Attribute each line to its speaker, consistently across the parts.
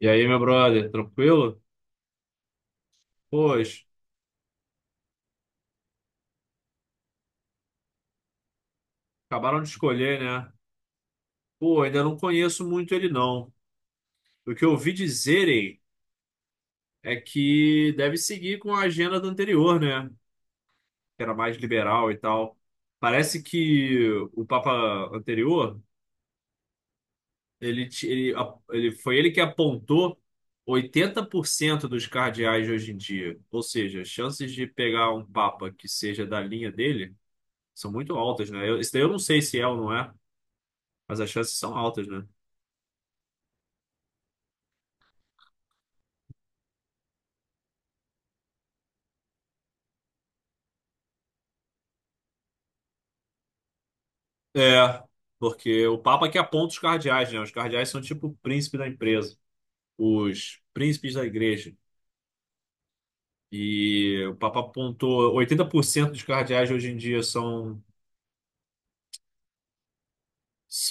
Speaker 1: E aí, meu brother, tranquilo? Pois, acabaram de escolher, né? Pô, ainda não conheço muito ele, não. O que eu ouvi dizerem é que deve seguir com a agenda do anterior, né? Que era mais liberal e tal. Parece que o Papa anterior, ele foi ele que apontou 80% dos cardeais de hoje em dia. Ou seja, as chances de pegar um Papa que seja da linha dele são muito altas, né? Eu, isso daí eu não sei se é ou não é, mas as chances são altas, né? É, porque o Papa que aponta os cardeais, né? Os cardeais são tipo o príncipe da empresa, os príncipes da igreja. E o Papa apontou 80% dos cardeais hoje em dia são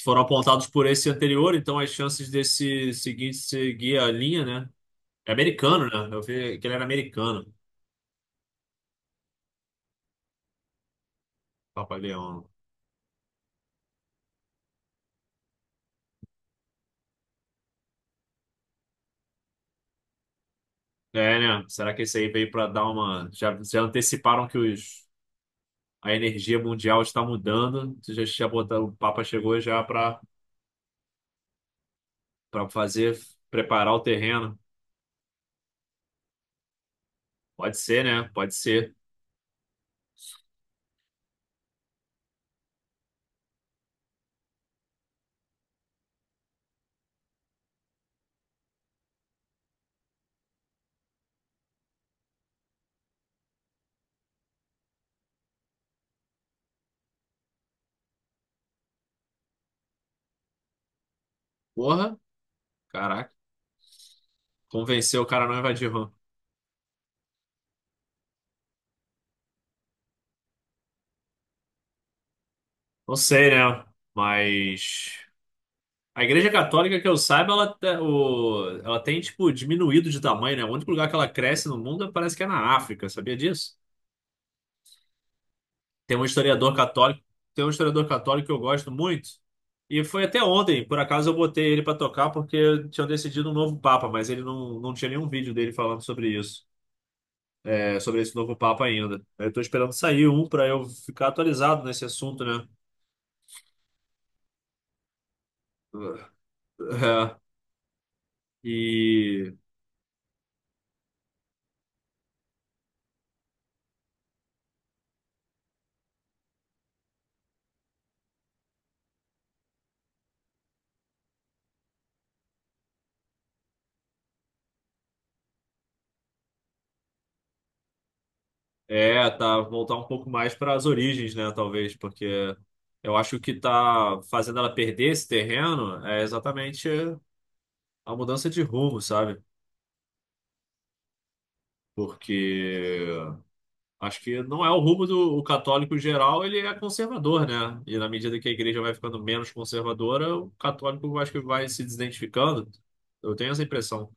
Speaker 1: foram apontados por esse anterior, então as chances desse seguinte seguir a linha, né? É americano, né? Eu vi que ele era americano. Papa Leão. É, né? Será que esse aí veio para dar uma. Já anteciparam que os... a energia mundial está mudando? Já botaram... O Papa chegou já para Pra fazer, preparar o terreno. Pode ser, né? Pode ser. Porra, caraca. Convencer o cara a não invadir RAM. Não sei, né? Mas. A Igreja Católica, que eu saiba, ela, ela tem, tipo, diminuído de tamanho, né? O único lugar que ela cresce no mundo parece que é na África, sabia disso? Tem um historiador católico, tem um historiador católico que eu gosto muito. E foi até ontem, por acaso eu botei ele pra tocar porque tinham decidido um novo papa, mas ele não tinha nenhum vídeo dele falando sobre isso. Sobre esse novo Papa ainda. Eu tô esperando sair um para eu ficar atualizado nesse assunto, né? É, e tá, voltar um pouco mais para as origens, né? Talvez, porque eu acho que o que tá fazendo ela perder esse terreno é exatamente a mudança de rumo, sabe? Porque acho que não é o rumo do o católico em geral, ele é conservador, né? E na medida que a igreja vai ficando menos conservadora, o católico acho que vai se desidentificando. Eu tenho essa impressão.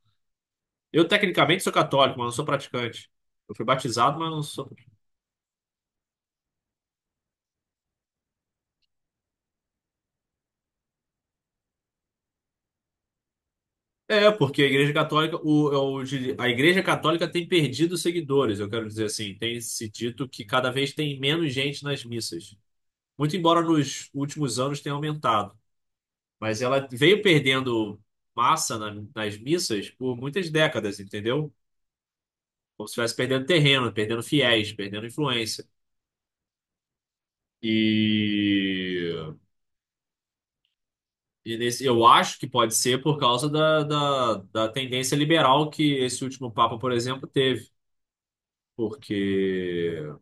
Speaker 1: Eu, tecnicamente, sou católico, mas não sou praticante. Eu fui batizado, mas não sou. É, porque a Igreja Católica, eu diria, a Igreja Católica tem perdido seguidores, eu quero dizer assim. Tem se dito que cada vez tem menos gente nas missas. Muito embora nos últimos anos tenha aumentado. Mas ela veio perdendo massa nas missas por muitas décadas, entendeu? Como se estivesse perdendo terreno, perdendo fiéis, perdendo influência. E E nesse, eu acho que pode ser por causa da tendência liberal que esse último Papa, por exemplo, teve. Porque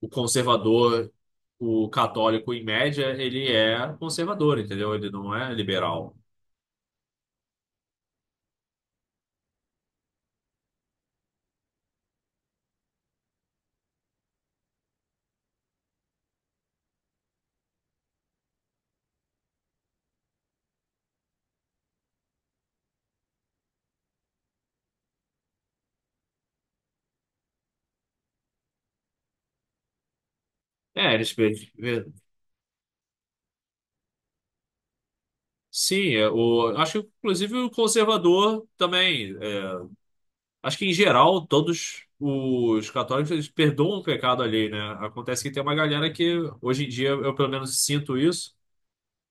Speaker 1: o conservador, o católico, em média, ele é conservador, entendeu? Ele não é liberal. É, eles. eles- Sim, acho que inclusive o conservador também. Acho que em geral, todos os católicos eles perdoam o pecado alheio, né? Acontece que tem uma galera que, hoje em dia, eu pelo menos sinto isso,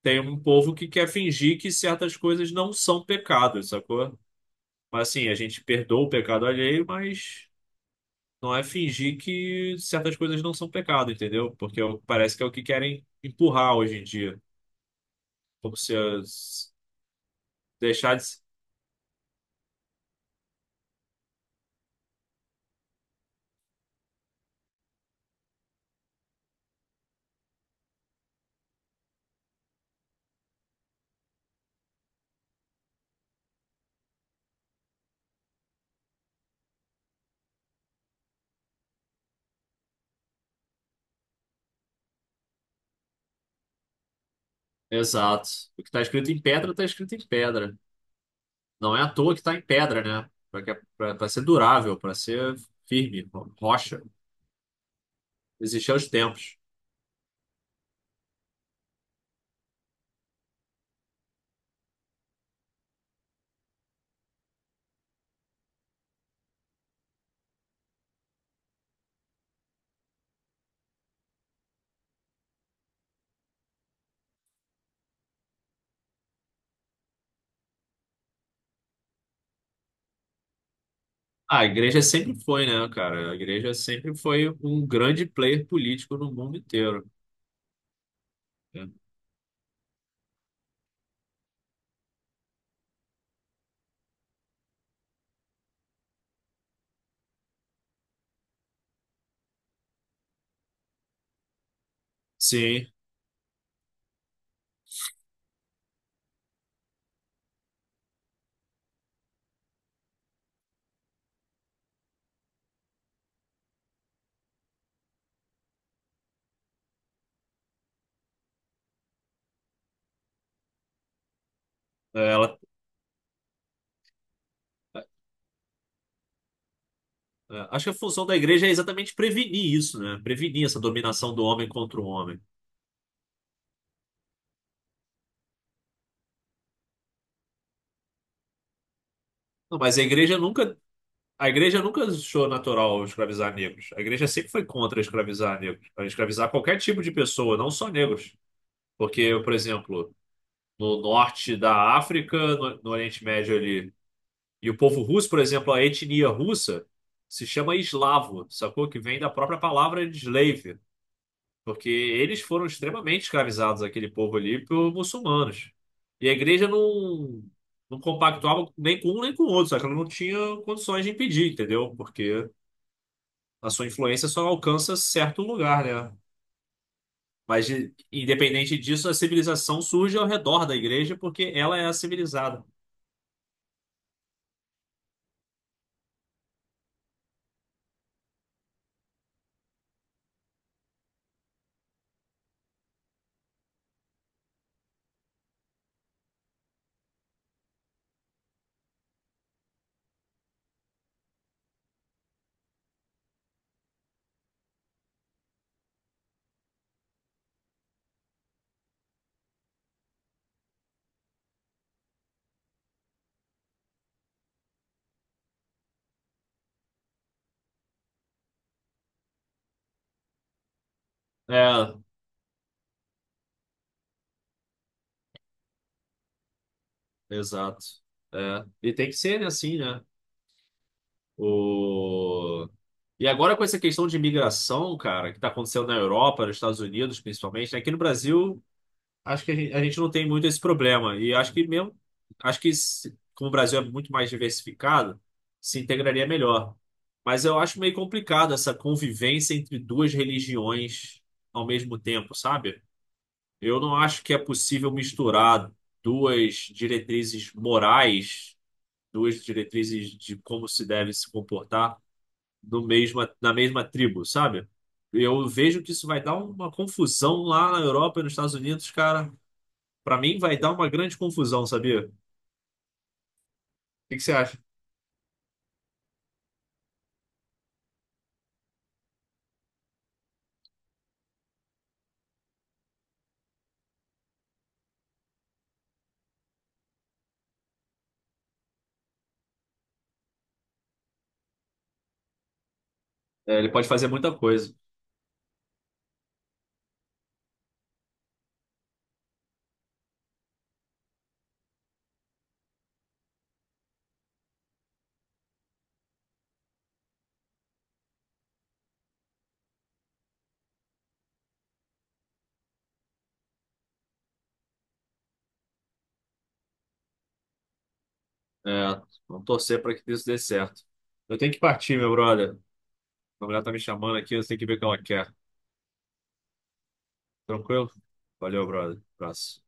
Speaker 1: tem um povo que quer fingir que certas coisas não são pecados, sacou? Mas assim, a gente perdoa o pecado alheio, mas não é fingir que certas coisas não são pecado, entendeu? Porque parece que é o que querem empurrar hoje em dia. Como se as, deixar de. Exato. O que está escrito em pedra, está escrito em pedra. Não é à toa que está em pedra, né? Para ser durável, para ser firme, rocha. Existir aos tempos. Ah, a igreja sempre foi, né, cara? A igreja sempre foi um grande player político no mundo inteiro. Né? Sim, é, ela. é, Acho que a função da igreja é exatamente prevenir isso, né? Prevenir essa dominação do homem contra o homem. Não, mas a igreja nunca achou natural escravizar negros. A igreja sempre foi contra escravizar negros, a escravizar qualquer tipo de pessoa, não só negros. Porque, por exemplo, no norte da África, no Oriente Médio ali. E o povo russo, por exemplo, a etnia russa se chama eslavo, sacou? Que vem da própria palavra slave, porque eles foram extremamente escravizados, aquele povo ali, por muçulmanos. E a igreja não compactuava nem com um nem com o outro, só que ela não tinha condições de impedir, entendeu? Porque a sua influência só alcança certo lugar, né? Mas, de- independente disso, a civilização surge ao redor da igreja porque ela é a civilizada. É, exato. É. E tem que ser né, assim, né? O... E agora com essa questão de imigração, cara, que está acontecendo na Europa, nos Estados Unidos, principalmente, né? Aqui no Brasil, acho que a gente não tem muito esse problema. E acho que mesmo, acho que se- como o Brasil é muito mais diversificado, se integraria melhor. Mas eu acho meio complicado essa convivência entre duas religiões ao mesmo tempo, sabe? Eu não acho que é possível misturar duas diretrizes morais, duas diretrizes de como se deve se comportar da mesma tribo, sabe? Eu vejo que isso vai dar uma confusão lá na Europa e nos Estados Unidos, cara. Pra mim vai dar uma grande confusão, sabia? O que que você acha? É, ele pode fazer muita coisa. É, vamos torcer para que isso dê certo. Eu tenho que partir, meu brother. A mulher tá me chamando aqui, eu tenho que ver o que ela quer. Tranquilo? Valeu, brother. Abraço.